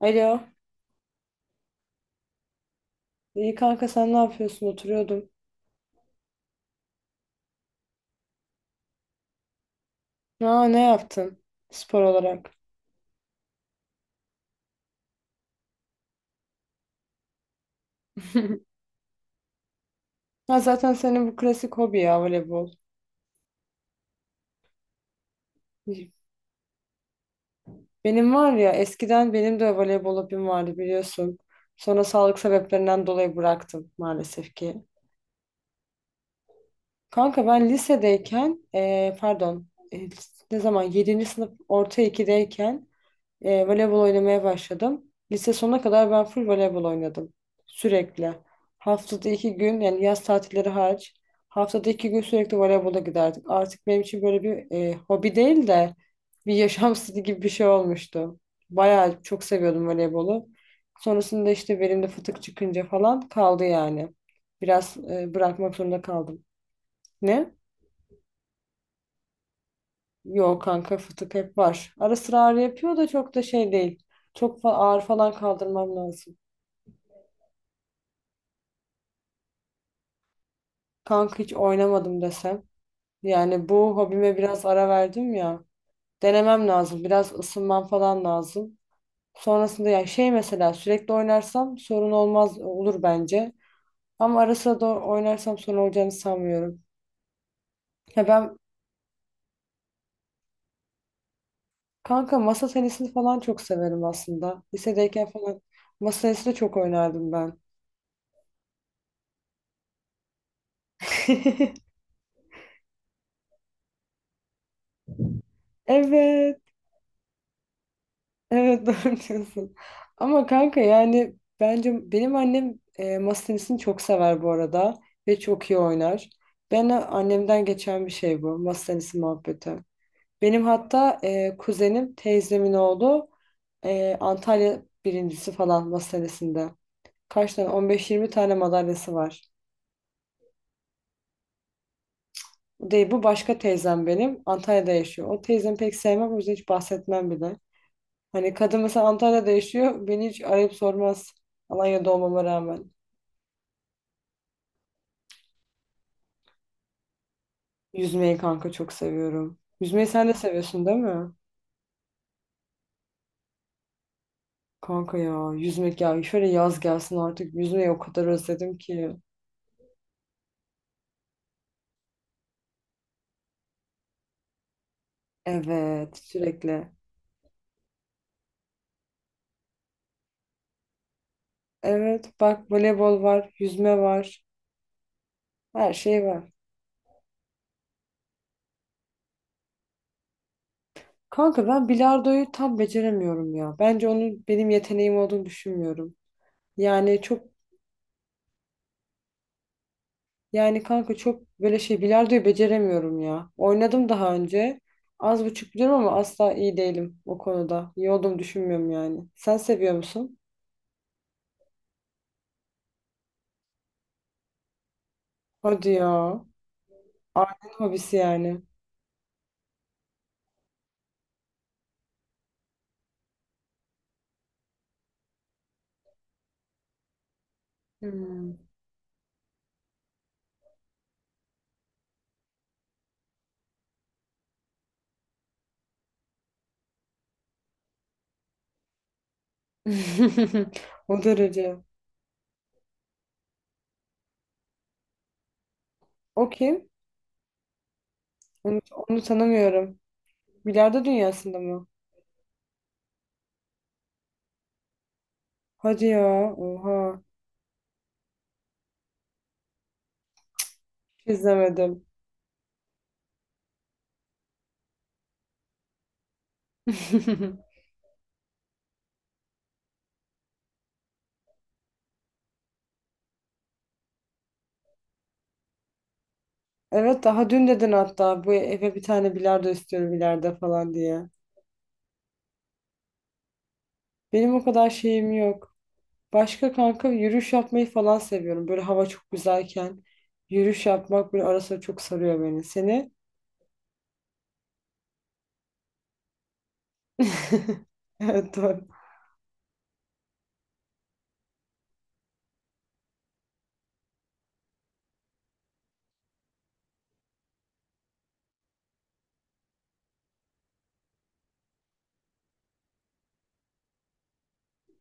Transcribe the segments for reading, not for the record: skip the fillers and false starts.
Alo. İyi kanka sen ne yapıyorsun? Oturuyordum. Aa, ne yaptın spor olarak? Ha, zaten senin bu klasik hobi ya voleybol. Benim var ya eskiden benim de voleybol hobim vardı biliyorsun. Sonra sağlık sebeplerinden dolayı bıraktım maalesef ki. Kanka ben lisedeyken pardon, eee, ne zaman yedinci sınıf orta 2'deyken voleybol oynamaya başladım. Lise sonuna kadar ben full voleybol oynadım. Sürekli. Haftada 2 gün, yani yaz tatilleri hariç haftada 2 gün sürekli voleybola giderdik. Artık benim için böyle bir hobi değil de bir yaşam stili gibi bir şey olmuştu. Bayağı çok seviyordum voleybolu. Sonrasında işte belimde fıtık çıkınca falan kaldı yani. Biraz bırakmak zorunda kaldım. Ne? Yok kanka, fıtık hep var. Ara sıra ağrı yapıyor da çok da şey değil. Çok ağır falan kaldırmam lazım. Kanka hiç oynamadım desem. Yani bu hobime biraz ara verdim ya. Denemem lazım. Biraz ısınmam falan lazım. Sonrasında ya şey, mesela sürekli oynarsam sorun olmaz, olur bence. Ama ara sıra da oynarsam sorun olacağını sanmıyorum. Ya ben kanka masa tenisini falan çok severim aslında. Lisedeyken falan masa tenisi de çok oynardım ben. Evet. Evet doğru diyorsun. Ama kanka yani bence benim annem masa tenisini çok sever bu arada ve çok iyi oynar. Ben annemden geçen bir şey bu masa tenisi muhabbeti. Benim hatta kuzenim, teyzemin oğlu, Antalya birincisi falan masa tenisinde. Kaç tane, 15-20 tane madalyası var. Bu değil, bu başka teyzem benim, Antalya'da yaşıyor. O teyzemi pek sevmem, o yüzden hiç bahsetmem bile. Hani kadın mesela Antalya'da yaşıyor, beni hiç arayıp sormaz. Alanya'da olmama rağmen. Yüzmeyi kanka çok seviyorum. Yüzmeyi sen de seviyorsun değil mi? Kanka ya yüzmek ya. Şöyle yaz gelsin artık. Yüzmeyi o kadar özledim ki. Evet, sürekli. Evet, bak voleybol var, yüzme var. Her şey var. Kanka ben bilardoyu tam beceremiyorum ya. Bence onun benim yeteneğim olduğunu düşünmüyorum. Yani çok Yani kanka çok böyle şey, bilardoyu beceremiyorum ya. Oynadım daha önce. Az buçuk biliyorum ama asla iyi değilim o konuda. İyi olduğumu düşünmüyorum yani. Sen seviyor musun? Hadi ya. Ailenin hobisi yani. Hmm. O derece. O kim? Onu, onu tanımıyorum. Bilardo dünyasında mı? Hadi ya. Oha. Hiç izlemedim. Evet, daha dün dedin hatta, bu eve bir tane bilardo istiyorum ileride falan diye. Benim o kadar şeyim yok. Başka kanka yürüyüş yapmayı falan seviyorum. Böyle hava çok güzelken yürüyüş yapmak böyle arası çok sarıyor beni. Seni? Evet, doğru.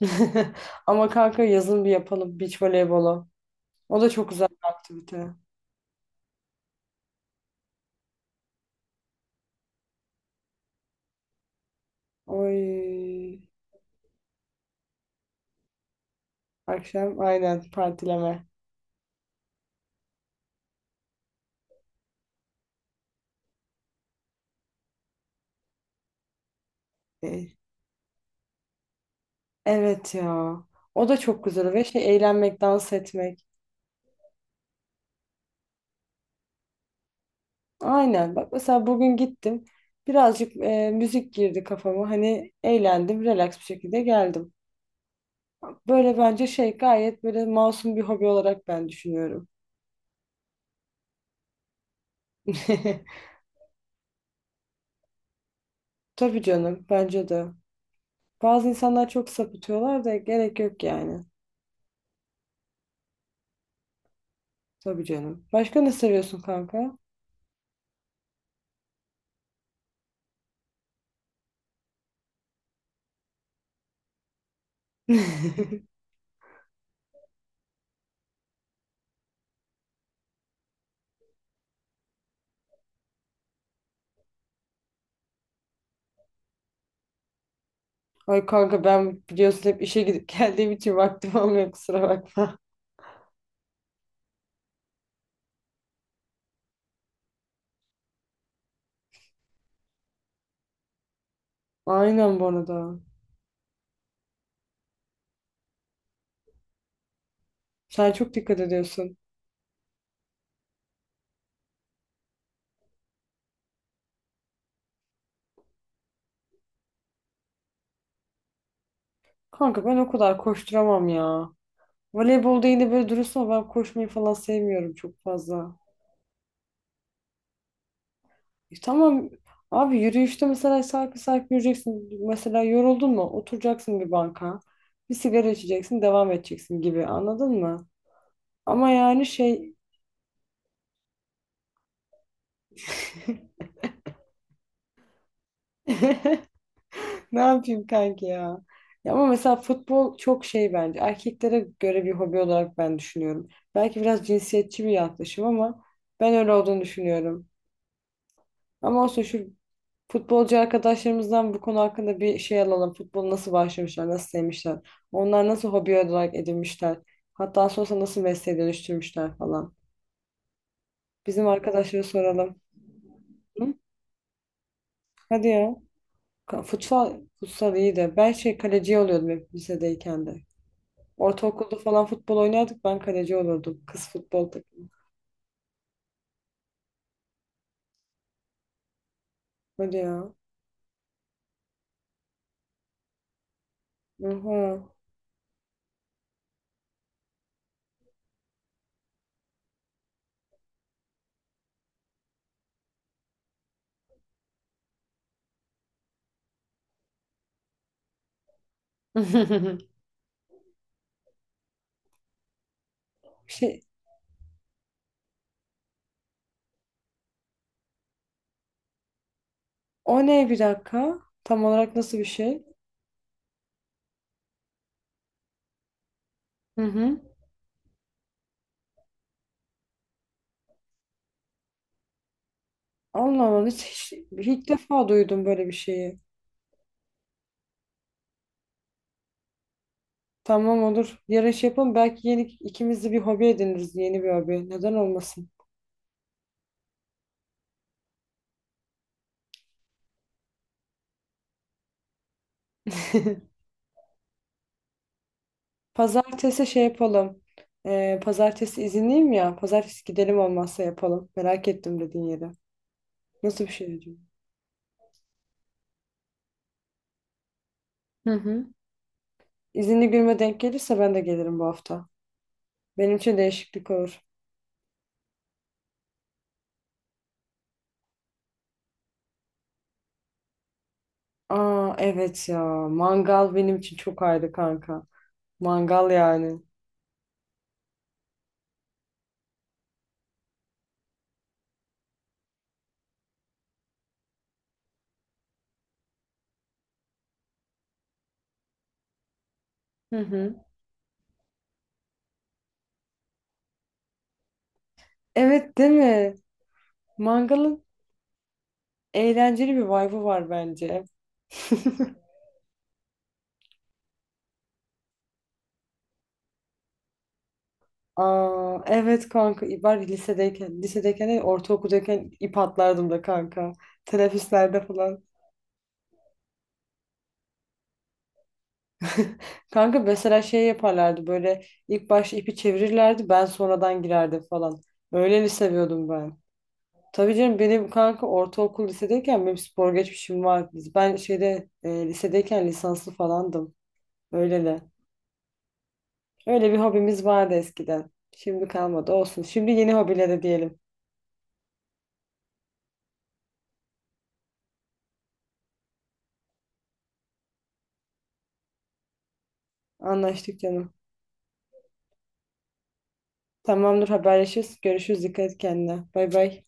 Ama kanka yazın bir yapalım beach voleybolu. O da çok güzel bir aktivite. Oy. Akşam aynen partileme. Değil. Evet ya. O da çok güzel ve şey, eğlenmek, dans etmek. Aynen. Bak mesela bugün gittim. Birazcık müzik girdi kafama. Hani eğlendim, relax bir şekilde geldim. Böyle bence şey, gayet böyle masum bir hobi olarak ben düşünüyorum. Tabii canım, bence de. Bazı insanlar çok sapıtıyorlar da gerek yok yani. Tabii canım. Başka ne seviyorsun kanka? Ay kanka, ben biliyorsun hep işe gidip geldiğim için vaktim olmuyor, kusura bakma. Aynen bu arada. Sen çok dikkat ediyorsun. Kanka ben o kadar koşturamam ya. Voleybolda yine böyle, dürüst ol, ben koşmayı falan sevmiyorum çok fazla. Tamam abi, yürüyüşte mesela sarkı sarkı yürüyeceksin. Mesela yoruldun mu? Oturacaksın bir banka. Bir sigara içeceksin, devam edeceksin gibi. Anladın mı? Ama yani şey ne yapayım kanki ya? Ya ama mesela futbol çok şey bence. Erkeklere göre bir hobi olarak ben düşünüyorum. Belki biraz cinsiyetçi bir yaklaşım ama ben öyle olduğunu düşünüyorum. Ama olsun şu, futbolcu arkadaşlarımızdan bu konu hakkında bir şey alalım. Futbolu nasıl başlamışlar, nasıl sevmişler? Onlar nasıl hobi olarak edinmişler? Hatta sonrasında nasıl mesleğe dönüştürmüşler falan. Bizim arkadaşlara soralım. Hı? Hadi ya. Futsal, futsal iyi de. Ben şey kaleci oluyordum hep lisedeyken de. Ortaokulda falan futbol oynardık. Ben kaleci olurdum. Kız futbol takımı. Hadi ya. Oha. Şey, o ne bir dakika? Tam olarak nasıl bir şey? Hı hı. Allah Allah, hiç, ilk defa duydum böyle bir şeyi. Tamam, olur. Yarın şey yapalım. Belki yeni ikimiz de bir hobi ediniriz. Yeni bir hobi. Neden olmasın? Pazartesi şey yapalım. Pazartesi izinliyim ya. Pazartesi gidelim, olmazsa yapalım. Merak ettim dediğin yere. Nasıl bir şey acaba? Hı hı. İzinli günüme denk gelirse ben de gelirim bu hafta. Benim için değişiklik olur. Aa evet ya. Mangal benim için çok ayrı kanka. Mangal yani. Hı hı. Evet değil mi? Mangalın Eğlenceli bir vibe'ı var bence. Aa, evet kanka ben lisedeyken, lisedeyken değil, ortaokuldayken ip atlardım da kanka. Teneffüslerde falan. Kanka mesela şey yaparlardı, böyle ilk başta ipi çevirirlerdi, ben sonradan girerdim falan. Öyle mi seviyordum ben? Tabii canım, benim kanka ortaokul lisedeyken benim spor geçmişim var. Ben şeyde, lisedeyken lisanslı falandım. Öyle de. Öyle bir hobimiz vardı eskiden. Şimdi kalmadı, olsun. Şimdi yeni hobilere diyelim. Anlaştık canım. Tamamdır, haberleşiriz. Görüşürüz. Dikkat et kendine. Bay bay.